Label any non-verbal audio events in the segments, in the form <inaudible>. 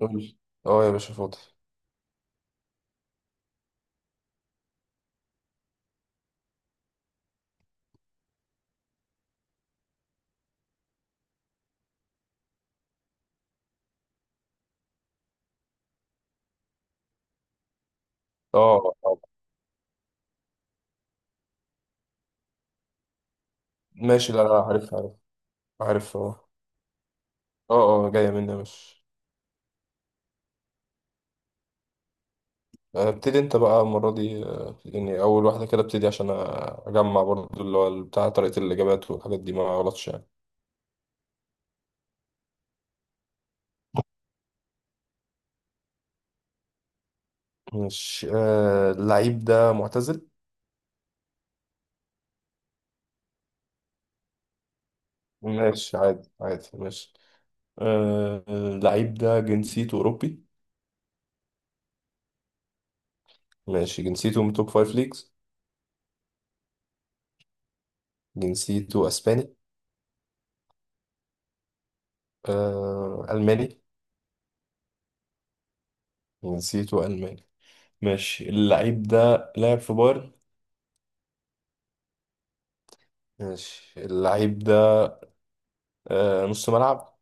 قول لي. اه يا باشا، فاضي. اه آه. ماشي. لا لا، عارف عارف عارف. اه. اه. اه، جاية مني يا باشا. ابتدي انت بقى المرة دي، يعني أول واحدة كده ابتدي عشان أجمع برضو اللي هو بتاع طريقة الإجابات والحاجات دي، ما غلطش يعني. ماشي. اللعيب ده معتزل؟ ماشي، عادي عادي، ماشي. اللعيب ده جنسيته أوروبي؟ ماشي، جنسيته من توب فايف ليجز. جنسيته أسباني؟ ألماني؟ جنسيته ألماني. ماشي، اللعيب ده لعب في بايرن. ماشي، اللعيب ده نص ملعب.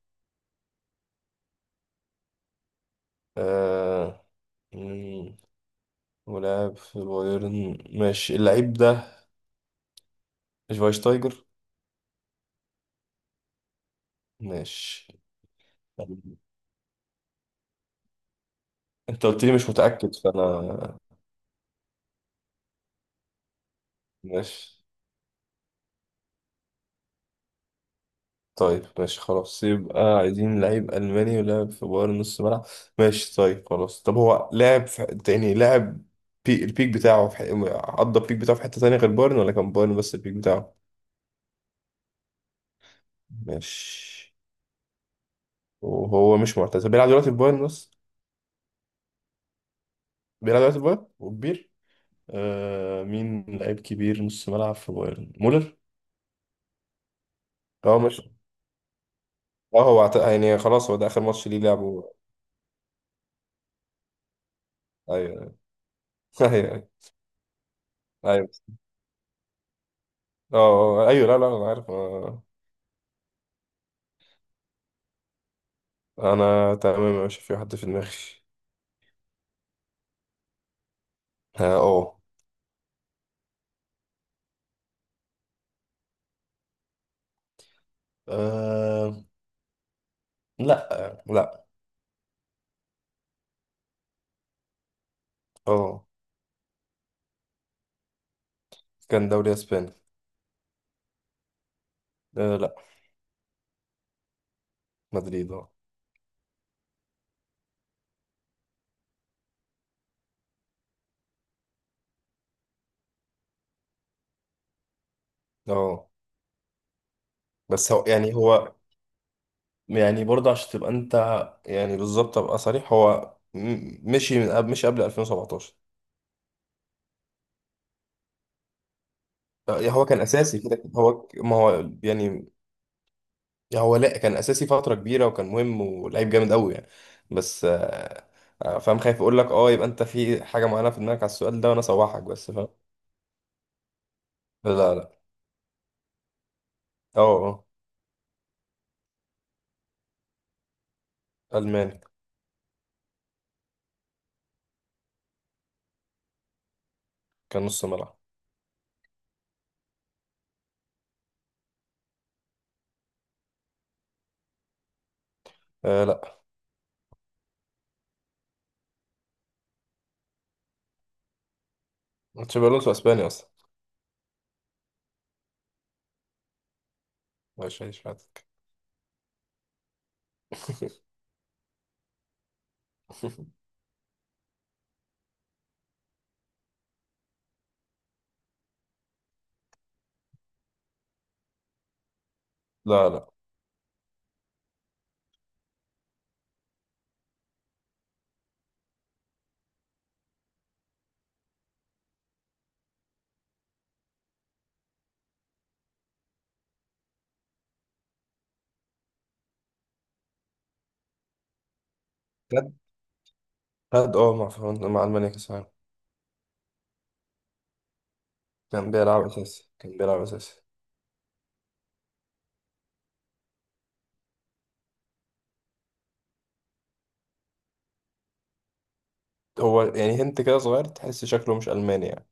آه. مم، ولعب في بايرن. ماشي، اللعيب ده شفايشتايجر. ماشي. انت قلت لي مش متأكد، فانا. ماشي، طيب، ماشي، خلاص، يبقى عايزين لعيب ألماني ولعب في بايرن نص ملعب. ماشي، طيب، خلاص. طب هو لعب في، يعني لعب البيك بتاعه في... قضى البيك بتاعه في حتة تانية غير بايرن، ولا كان بايرن بس البيك بتاعه؟ ماشي. وهو مش معتزل، بيلعب دلوقتي في بايرن بس. بيلعب دلوقتي في بايرن وكبير. مين لعيب كبير نص ملعب في بايرن؟ مولر. اه، مش، اه، يعني خلاص هو ده اخر ماتش ليه لعبه. ايوه. <laughs> ايوه ايوه. ايوه. اه ايوه. لا لا انا عارف. انا تمام، مش في حد في دماغي. اه. اه. آه، لا لا. اه. كان دوري اسباني. لا. مدريد، اه. اه، بس هو، يعني هو، يعني برضه عشان تبقى انت، يعني بالظبط ابقى صريح، هو مشي من قبل، مشي قبل 2017. يعني هو كان اساسي كده كده. هو ما هو، يعني، يعني هو لا، كان اساسي فتره كبيره وكان مهم ولعيب جامد قوي يعني. بس فاهم، خايف اقول لك اه يبقى انت في حاجه معينه في دماغك على السؤال ده وانا صوحك، بس فاهم. لا لا. اه. اه. الماني. كان نص ملعب. لا. تشابي الونسو اسباني اصلا. مش هيش. <laughs> لا لا. خد. خد اه مع فرنسا مع المانيا كاس. كان بيلعب اساسي، كان بيلعب اساسي. هو يعني هنت كده صغير، تحس شكله مش الماني يعني.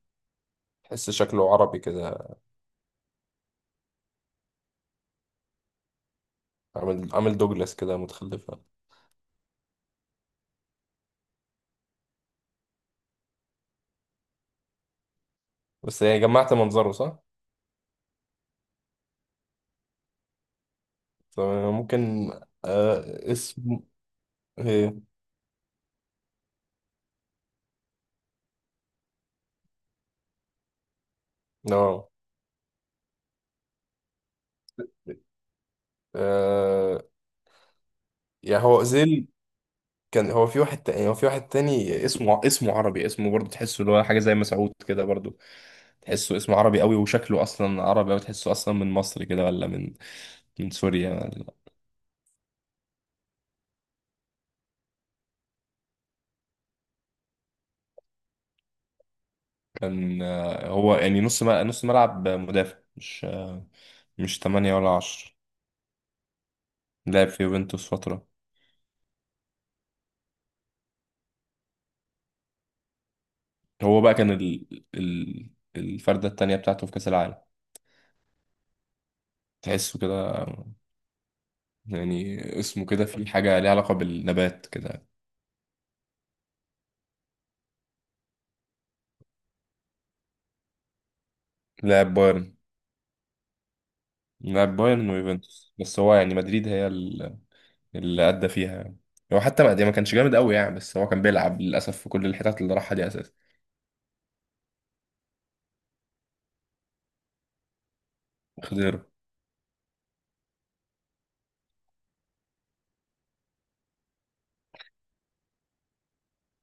تحس شكله عربي كده. عامل دوجلاس كده متخلفه. بس يعني جمعت منظره صح، فممكن. آه. اسم. ايه. اه آه، يعني هو اوزيل؟ كان، هو في واحد تاني اسمه، اسمه عربي، اسمه برضه تحسه اللي هو حاجه زي مسعود كده برضه. تحسه اسمه عربي قوي وشكله اصلا عربي أوي، تحسه اصلا من مصر كده ولا من من سوريا. كان هو يعني نص ملعب، نص ملعب مدافع مش مش 8 ولا 10. لعب في يوفنتوس فترة. هو بقى كان الفردة التانية بتاعته في كأس العالم. تحسه كده يعني اسمه كده في حاجة ليها علاقة بالنبات كده. لاعب بايرن. لاعب بايرن ويوفنتوس، بس هو يعني مدريد هي اللي أدى فيها يعني. هو حتى ما يعني، ما كانش جامد قوي يعني، بس هو كان بيلعب للأسف في كل الحتات اللي راحها دي أساسا. خضيره.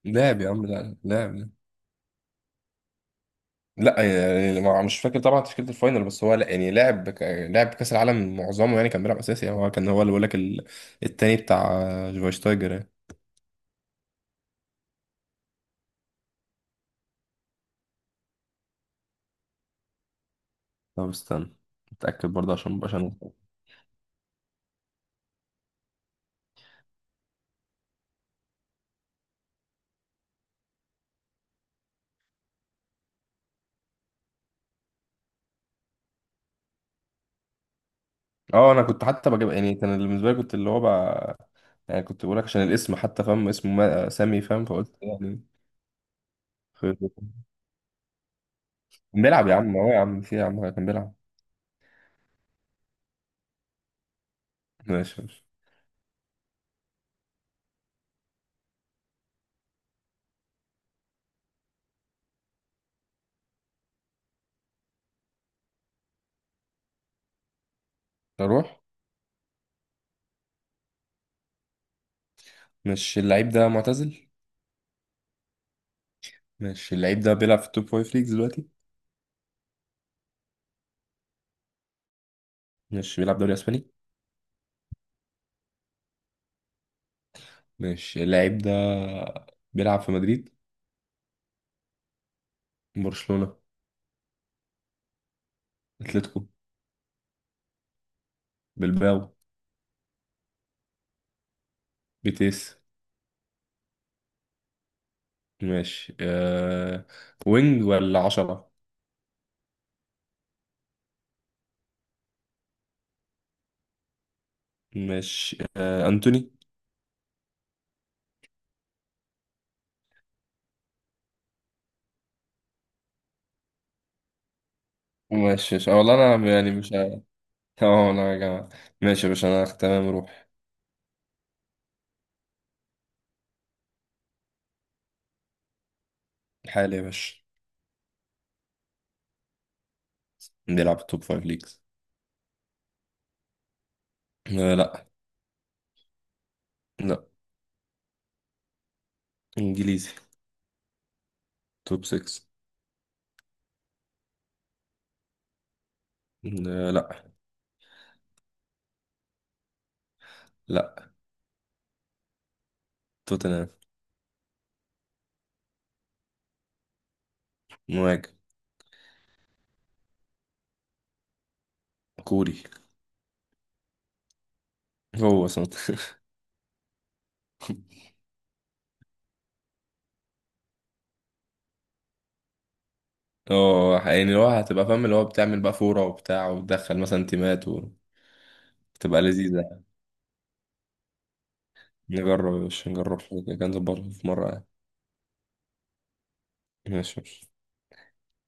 لاعب يا عم، لا لاعب. لا، يعني مش فاكر طبعا تشكيله الفاينل، بس هو لا يعني لعب لعب كاس العالم معظمه يعني، كان بيلعب اساسي يعني، هو كان هو اللي بقول لك التاني بتاع شفايشتايجر يعني. طب استنى، اتاكد برضه عشان مبقاش انا. اه انا كنت حتى بجيب يعني، كان اللي بالنسبه لي كنت اللي هو بقى، يعني كنت بقول لك عشان الاسم حتى، فاهم اسمه سامي، فاهم، فقلت يعني. خير. كان بيلعب يا عم، هو يا عم، في يا عم كان بيلعب. ماشي ماشي. اروح. مش اللعيب ده معتزل؟ مش اللعيب ده بيلعب في التوب فايف ليجز دلوقتي؟ مش بيلعب دوري اسباني؟ ماشي، اللعيب ده بيلعب في مدريد؟ برشلونة؟ اتلتيكو؟ بلباو؟ بيتيس؟ ماشي. وينج ولا عشرة؟ ماشي. أنتوني؟ ماشي ماشي والله، أنا يعني مش ه- اه أنا يا جماعة. ماشي يا باشا، أنا تمام، روح. حالي يا باشا. بيلعب في توب فايف ليجز. أه لا. لا. إنجليزي. توب 6. أه لا. لا. توتنهام. مهاجم. كوري. هو صوت. <laughs> اه يعني اللي هو هتبقى فاهم، اللي هو بتعمل بقى فورة وبتاع وتدخل مثلا تيمات وتبقى لذيذة. نجرب مش نجرب حاجة كده، نظبطها في مرة يعني. ماشي